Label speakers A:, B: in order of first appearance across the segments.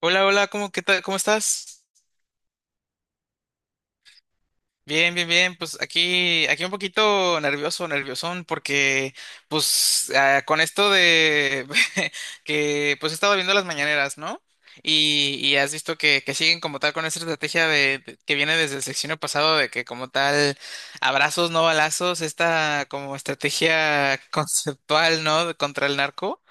A: Hola, hola, ¿cómo, qué tal? ¿Cómo estás? Bien, bien, bien. Pues aquí, aquí un poquito nervioso, nerviosón, porque pues con esto de que pues he estado viendo las mañaneras, ¿no? Y has visto que siguen como tal con esa estrategia que viene desde el sexenio pasado de que como tal abrazos, no balazos, esta como estrategia conceptual, ¿no? Contra el narco.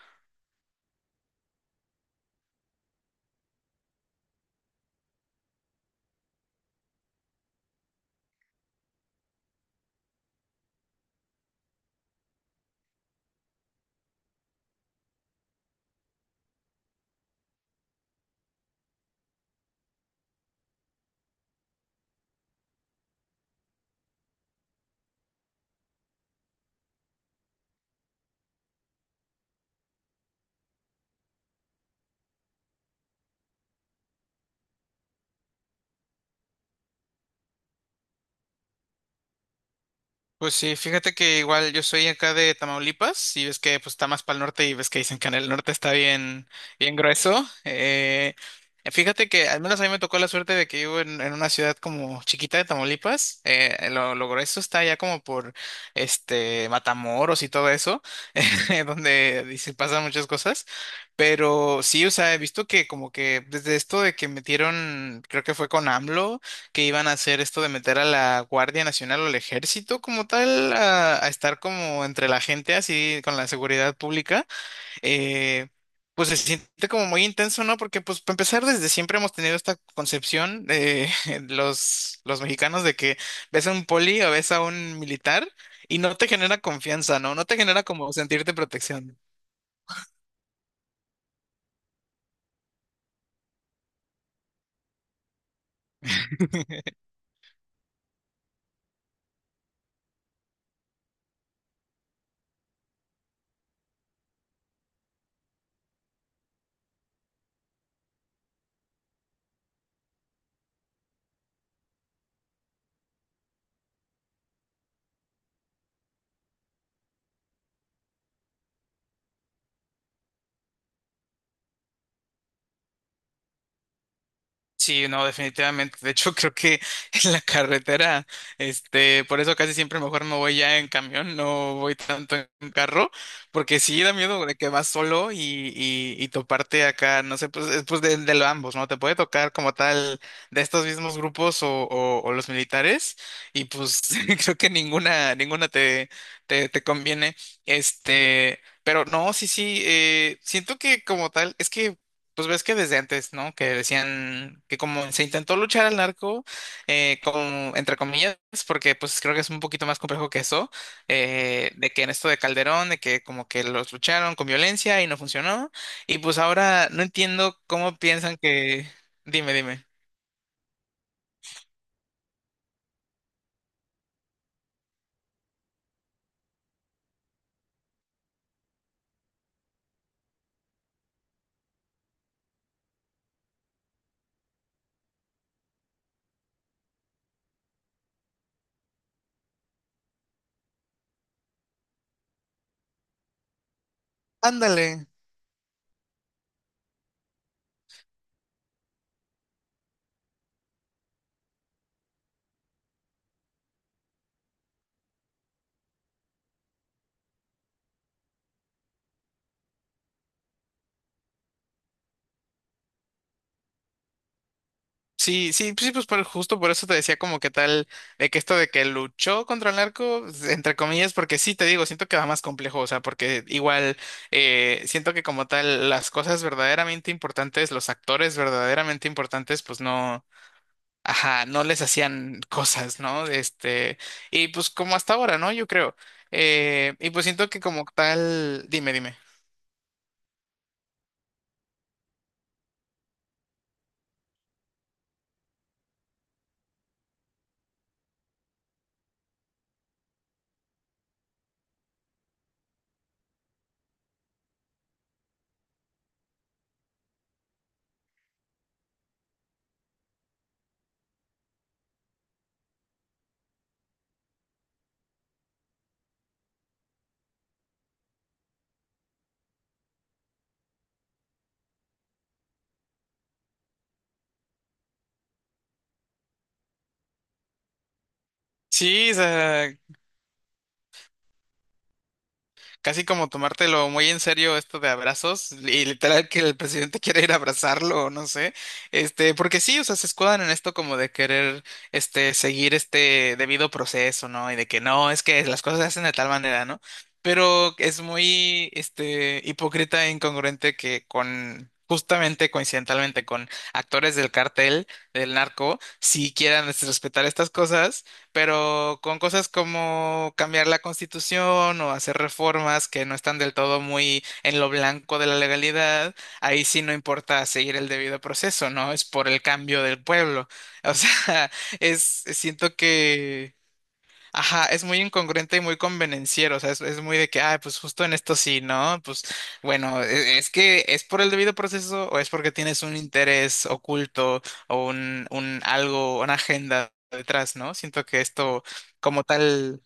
A: Pues sí, fíjate que igual yo soy acá de Tamaulipas y ves que pues está más para el norte y ves que dicen que en el norte está bien, bien grueso. Fíjate que al menos a mí me tocó la suerte de que vivo en una ciudad como chiquita de Tamaulipas. Lo grueso está ya como por este Matamoros y todo eso, donde dice pasan muchas cosas. Pero sí, o sea, he visto que como que desde esto de que metieron, creo que fue con AMLO que iban a hacer esto de meter a la Guardia Nacional o al ejército como tal a estar como entre la gente así con la seguridad pública, eh, pues se siente como muy intenso, ¿no? Porque pues para empezar desde siempre hemos tenido esta concepción de los mexicanos de que ves a un poli o ves a un militar y no te genera confianza, ¿no? No te genera como sentirte protección. Sí, no, definitivamente. De hecho, creo que en la carretera, este, por eso casi siempre mejor me voy ya en camión, no voy tanto en carro, porque sí da miedo de que vas solo y toparte acá, no sé, pues, es, pues de lo ambos, ¿no? Te puede tocar como tal de estos mismos grupos o los militares, y pues creo que ninguna, ninguna te conviene. Este, pero no, sí, sí, siento que como tal, es que pues ves que desde antes, ¿no? Que decían que como se intentó luchar al narco, como entre comillas, porque pues creo que es un poquito más complejo que eso, de que en esto de Calderón, de que como que los lucharon con violencia y no funcionó, y pues ahora no entiendo cómo piensan que... Dime, dime. Ándale. Sí, sí, sí, pues justo por eso te decía como que tal, de que esto de que luchó contra el narco, entre comillas, porque sí, te digo, siento que va más complejo, o sea, porque igual siento que como tal las cosas verdaderamente importantes, los actores verdaderamente importantes, pues no, ajá, no les hacían cosas, ¿no? Este, y pues como hasta ahora, ¿no? Yo creo. Y pues siento que como tal, dime, dime. Sí, o sea, casi como tomártelo muy en serio esto de abrazos y literal que el presidente quiere ir a abrazarlo, o no sé, este, porque sí, o sea, se escudan en esto como de querer, este, seguir este debido proceso, ¿no? Y de que no, es que las cosas se hacen de tal manera, ¿no? Pero es muy, este, hipócrita e incongruente que con... Justamente coincidentalmente con actores del cartel del narco, si quieran este, respetar estas cosas, pero con cosas como cambiar la constitución o hacer reformas que no están del todo muy en lo blanco de la legalidad, ahí sí no importa seguir el debido proceso, ¿no? Es por el cambio del pueblo. O sea, es, siento que... Ajá, es muy incongruente y muy convenenciero, o sea, es muy de que, ah, pues justo en esto sí, ¿no? Pues bueno, es que es por el debido proceso o es porque tienes un interés oculto o un algo, una agenda detrás, ¿no? Siento que esto como tal,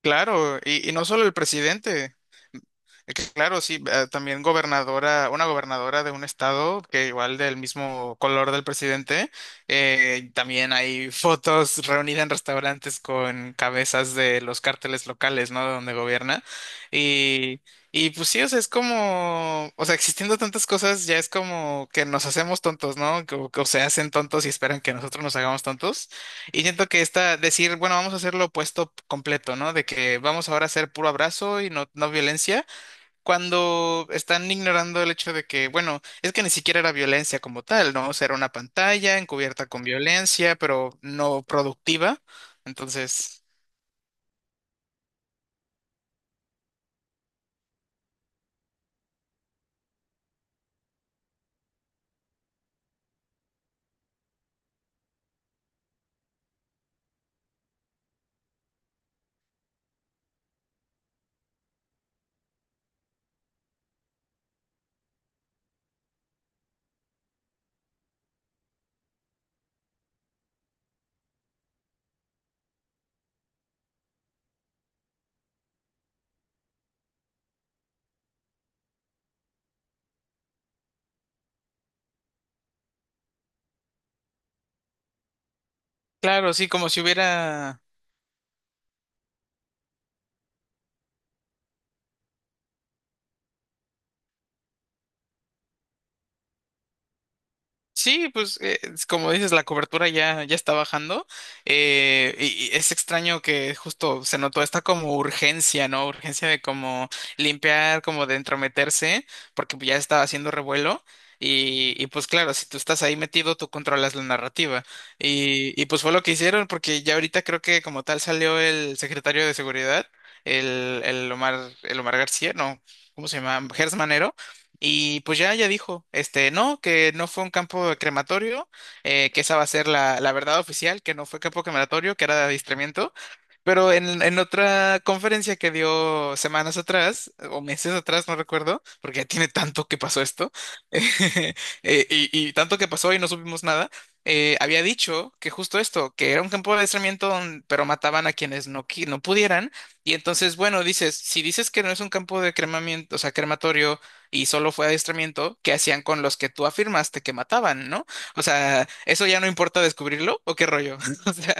A: claro, y no solo el presidente. Que Claro, sí, también gobernadora, una gobernadora de un estado que igual del mismo color del presidente, también hay fotos reunidas en restaurantes con cabezas de los cárteles locales, ¿no? De donde gobierna. Y, y pues sí, o sea, es como, o sea, existiendo tantas cosas, ya es como que nos hacemos tontos, ¿no? O, se hacen tontos y esperan que nosotros nos hagamos tontos. Y siento que esta, decir, bueno, vamos a hacer lo opuesto completo, ¿no? De que vamos ahora a hacer puro abrazo y no violencia cuando están ignorando el hecho de que, bueno, es que ni siquiera era violencia como tal, ¿no? O sea, era una pantalla encubierta con violencia, pero no productiva. Entonces, claro, sí, como si hubiera... Sí, pues es como dices, la cobertura ya, ya está bajando y es extraño que justo se notó esta como urgencia, ¿no? Urgencia de como limpiar, como de entrometerse, porque ya estaba haciendo revuelo y pues claro, si tú estás ahí metido, tú controlas la narrativa y pues fue lo que hicieron porque ya ahorita creo que como tal salió el secretario de Seguridad, el Omar García, no, ¿cómo se llama? Gers Manero y pues ya, ya dijo, este, no, que no fue un campo de crematorio, que esa va a ser la verdad oficial, que no fue campo crematorio, que era de adiestramiento. Pero en otra conferencia que dio semanas atrás, o meses atrás, no recuerdo, porque ya tiene tanto que pasó esto, y tanto que pasó y no supimos nada, había dicho que justo esto, que era un campo de adiestramiento, pero mataban a quienes no, no pudieran. Y entonces, bueno, dices, si dices que no es un campo de cremamiento, o sea, crematorio, y solo fue adiestramiento que hacían con los que tú afirmaste que mataban, ¿no? O sea, ¿eso ya no importa descubrirlo o qué rollo? O sea,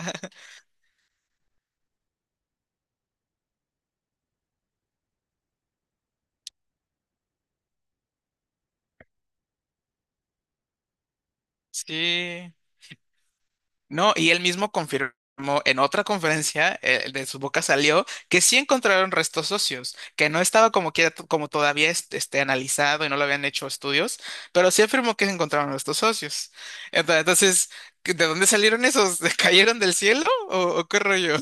A: sí. No, y él mismo confirmó en otra conferencia, de su boca salió que sí encontraron restos óseos, que no estaba como quiera, como todavía este, analizado y no lo habían hecho estudios, pero sí afirmó que se encontraron restos óseos. Entonces, ¿de dónde salieron esos? ¿Cayeron del cielo o qué rollo?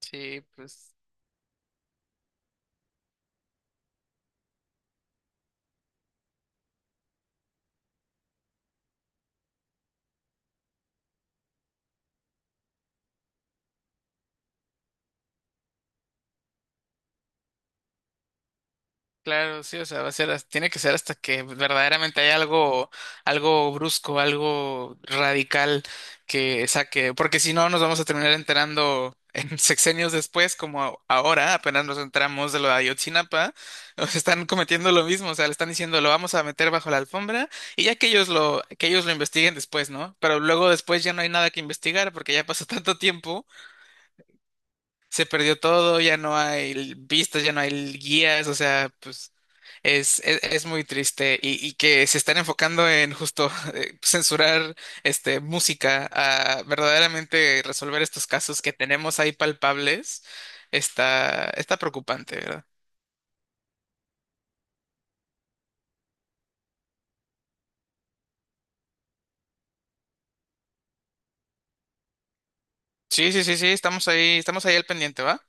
A: Sí, pues. Claro, sí, o sea, va a ser, tiene que ser hasta que verdaderamente hay algo, algo brusco, algo radical que saque, porque si no nos vamos a terminar enterando en sexenios después, como ahora, apenas nos enteramos de lo de Ayotzinapa, nos están cometiendo lo mismo, o sea, le están diciendo lo vamos a meter bajo la alfombra y ya que ellos lo investiguen después, ¿no? Pero luego después ya no hay nada que investigar porque ya pasó tanto tiempo se perdió todo, ya no hay vistas, ya no hay guías, o sea, pues es muy triste y que se están enfocando en justo censurar este, música a verdaderamente resolver estos casos que tenemos ahí palpables, está, está preocupante, ¿verdad? Sí, sí, sí, sí, estamos ahí al pendiente, ¿va?